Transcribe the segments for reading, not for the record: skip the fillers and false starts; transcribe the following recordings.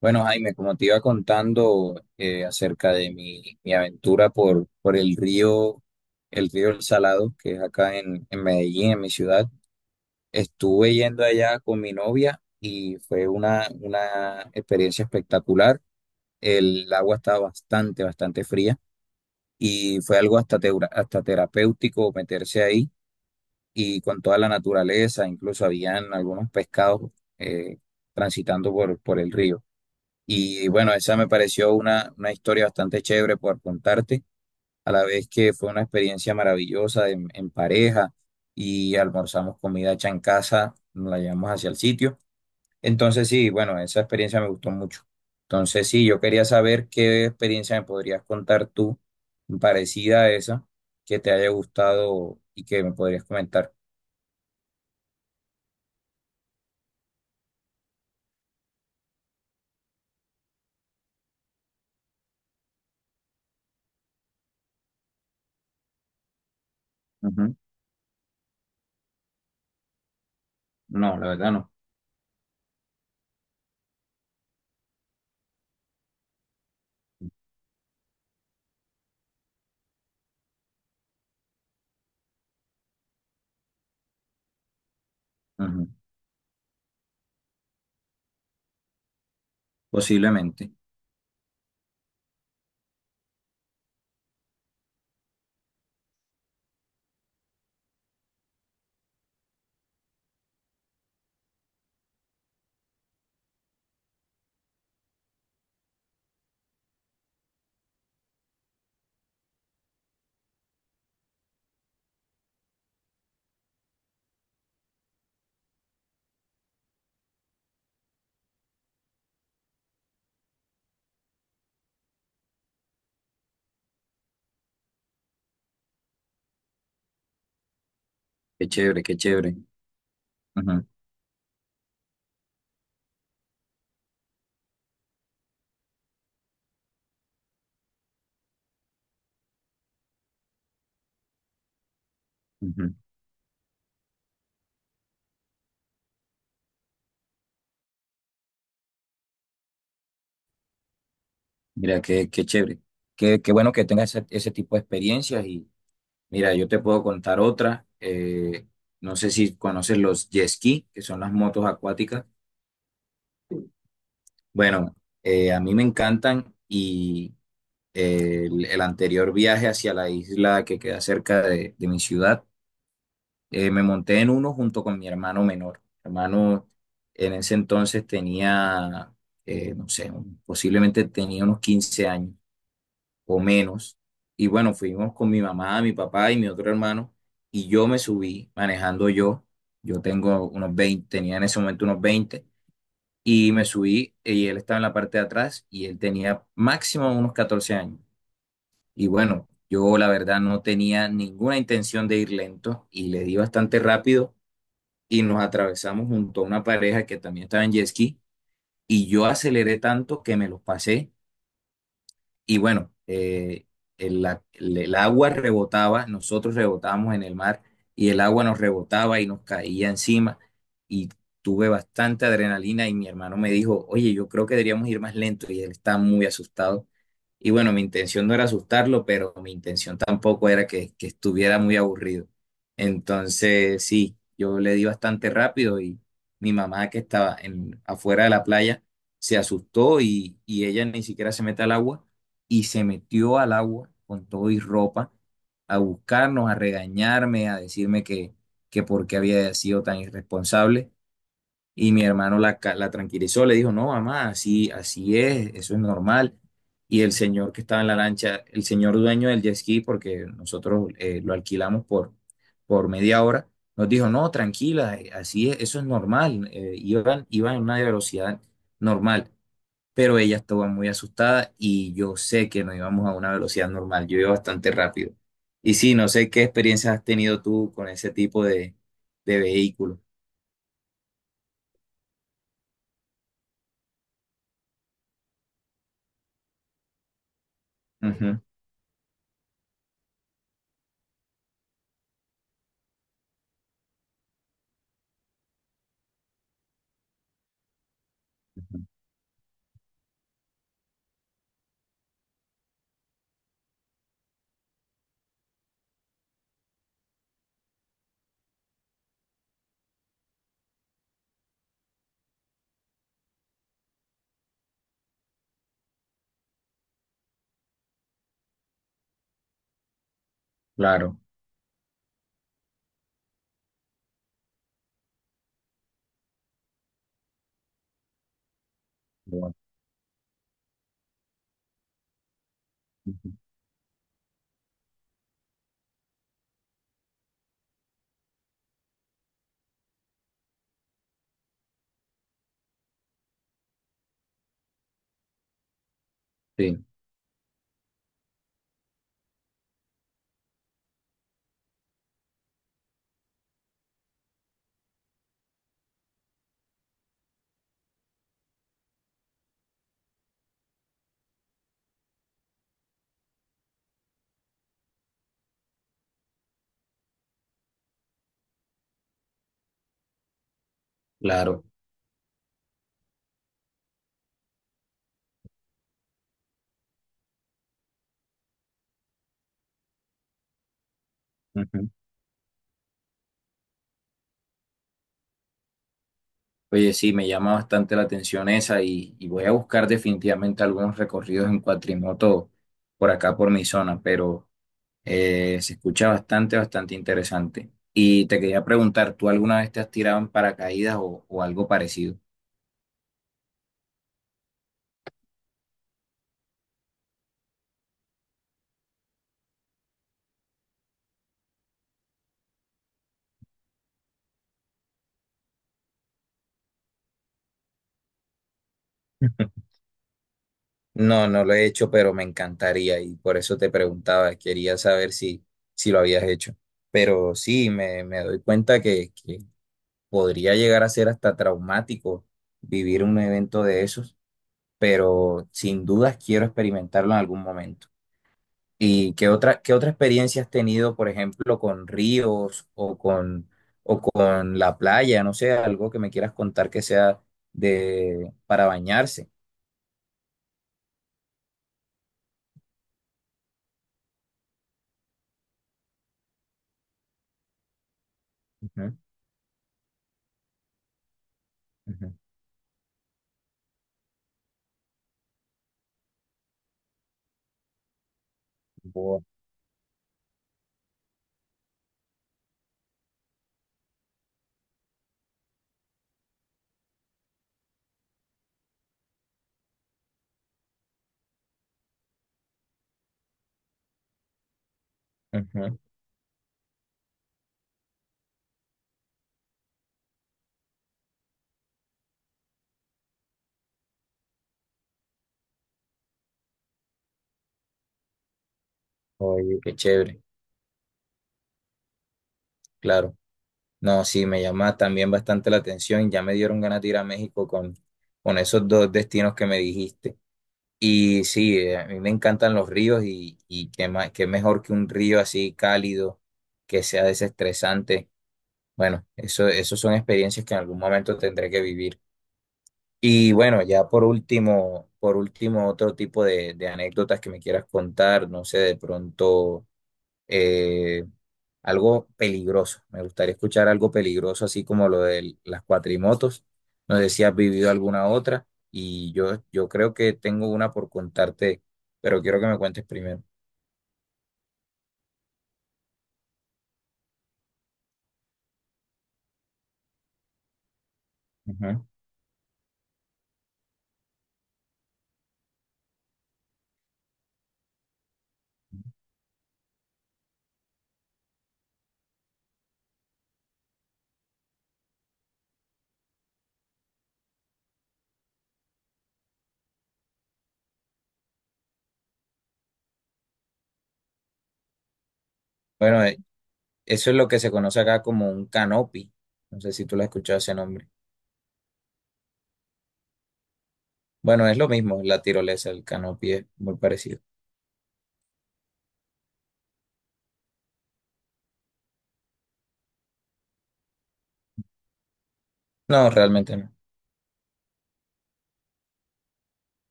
Bueno, Jaime, como te iba contando acerca de mi aventura por el río, el río El Salado, que es acá en Medellín, en mi ciudad, estuve yendo allá con mi novia y fue una experiencia espectacular. El agua estaba bastante, bastante fría y fue algo hasta terapéutico meterse ahí y con toda la naturaleza, incluso habían algunos pescados eh, transitando por el río. Y bueno, esa me pareció una historia bastante chévere por contarte, a la vez que fue una experiencia maravillosa en pareja y almorzamos comida hecha en casa, nos la llevamos hacia el sitio. Entonces sí, bueno, esa experiencia me gustó mucho. Entonces sí, yo quería saber qué experiencia me podrías contar tú parecida a esa, que te haya gustado y que me podrías comentar. Ujú. No, la verdad no. Ujú. Posiblemente. Qué chévere, qué chévere. Ujú, ujú. Mira, qué chévere. Qué bueno que tengas ese tipo de experiencias. Y mira, yo te puedo contar otra. No sé si conoces los jet ski, que son las motos acuáticas. Bueno, a mí me encantan y el anterior viaje hacia la isla que queda cerca de mi ciudad, me monté en uno junto con mi hermano menor. Mi hermano en ese entonces tenía, no sé, posiblemente tenía unos 15 años o menos. Y bueno, fuimos con mi mamá, mi papá y mi otro hermano y yo me subí manejando yo. Yo tengo unos 20 Tenía en ese momento unos 20 y me subí y él estaba en la parte de atrás y él tenía máximo unos 14 años. Y bueno, yo la verdad no tenía ninguna intención de ir lento y le di bastante rápido y nos atravesamos junto a una pareja que también estaba en jet ski y yo aceleré tanto que me los pasé. Y bueno, el agua rebotaba, nosotros rebotábamos en el mar y el agua nos rebotaba y nos caía encima y tuve bastante adrenalina y mi hermano me dijo, oye, yo creo que deberíamos ir más lento y él estaba muy asustado. Y bueno, mi intención no era asustarlo, pero mi intención tampoco era que estuviera muy aburrido. Entonces, sí, yo le di bastante rápido y mi mamá que estaba afuera de la playa se asustó y ella ni siquiera se mete al agua y se metió al agua con todo y ropa a buscarnos, a regañarme, a decirme que, por qué había sido tan irresponsable. Y mi hermano la tranquilizó, le dijo, no, mamá, así, así es, eso es normal. Y el señor que estaba en la lancha, el señor dueño del jet ski, porque nosotros lo alquilamos por media hora, nos dijo, no, tranquila, así es, eso es normal. Iban a una velocidad normal, pero ella estaba muy asustada y yo sé que no íbamos a una velocidad normal, yo iba bastante rápido. Y sí, no sé qué experiencias has tenido tú con ese tipo de vehículo. Ujú, claro. Bueno, ujú, sí, claro. Ujú. Oye, sí, me llama bastante la atención esa y voy a buscar definitivamente algunos recorridos en cuatrimoto por acá, por mi zona, pero... Se escucha bastante, bastante interesante. Y te quería preguntar, ¿tú alguna vez te has tirado en paracaídas o algo parecido? No, no lo he hecho, pero me encantaría y por eso te preguntaba, quería saber si lo habías hecho. Pero sí, me doy cuenta que podría llegar a ser hasta traumático vivir un evento de esos, pero sin dudas quiero experimentarlo en algún momento. ¿Y qué otra experiencia has tenido, por ejemplo, con ríos o con la playa? No sé, algo que me quieras contar que sea para bañarse. Ujú, ujú. Bo- Ujú. Oye, qué chévere, claro. No, sí, me llama también bastante la atención. Ya me dieron ganas de ir a México con esos dos destinos que me dijiste. Y sí, a mí me encantan los ríos y qué más, qué mejor que un río así cálido, que sea desestresante. Bueno, eso son experiencias que en algún momento tendré que vivir. Y bueno, ya por último, otro tipo de anécdotas que me quieras contar, no sé, de pronto eh, algo peligroso. Me gustaría escuchar algo peligroso, así como lo de las cuatrimotos. No sé si has vivido alguna otra y yo creo que tengo una por contarte, pero quiero que me cuentes primero. Ujú. Bueno, eso es lo que se conoce acá como un canopy. No sé si tú lo has escuchado ese nombre. Bueno, es lo mismo, la tirolesa, el canopy es muy parecido. No, realmente no.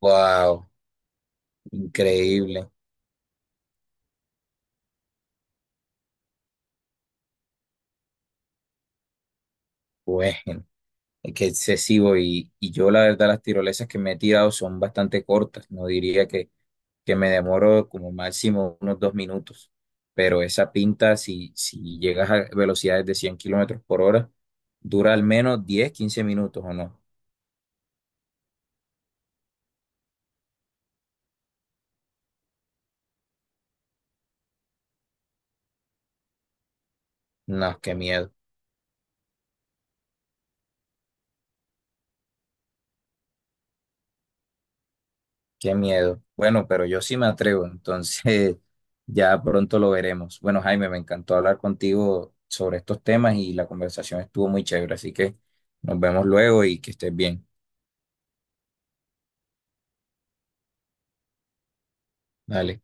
Wow, increíble. Bueno, es excesivo y yo la verdad las tirolesas que me he tirado son bastante cortas. No diría que me demoro como máximo unos 2 minutos, pero esa pinta, si llegas a velocidades de 100 kilómetros por hora, dura al menos 10 15 minutos o no. No, qué miedo. Qué miedo. Bueno, pero yo sí me atrevo, entonces ya pronto lo veremos. Bueno, Jaime, me encantó hablar contigo sobre estos temas y la conversación estuvo muy chévere, así que nos vemos luego y que estés bien. Dale.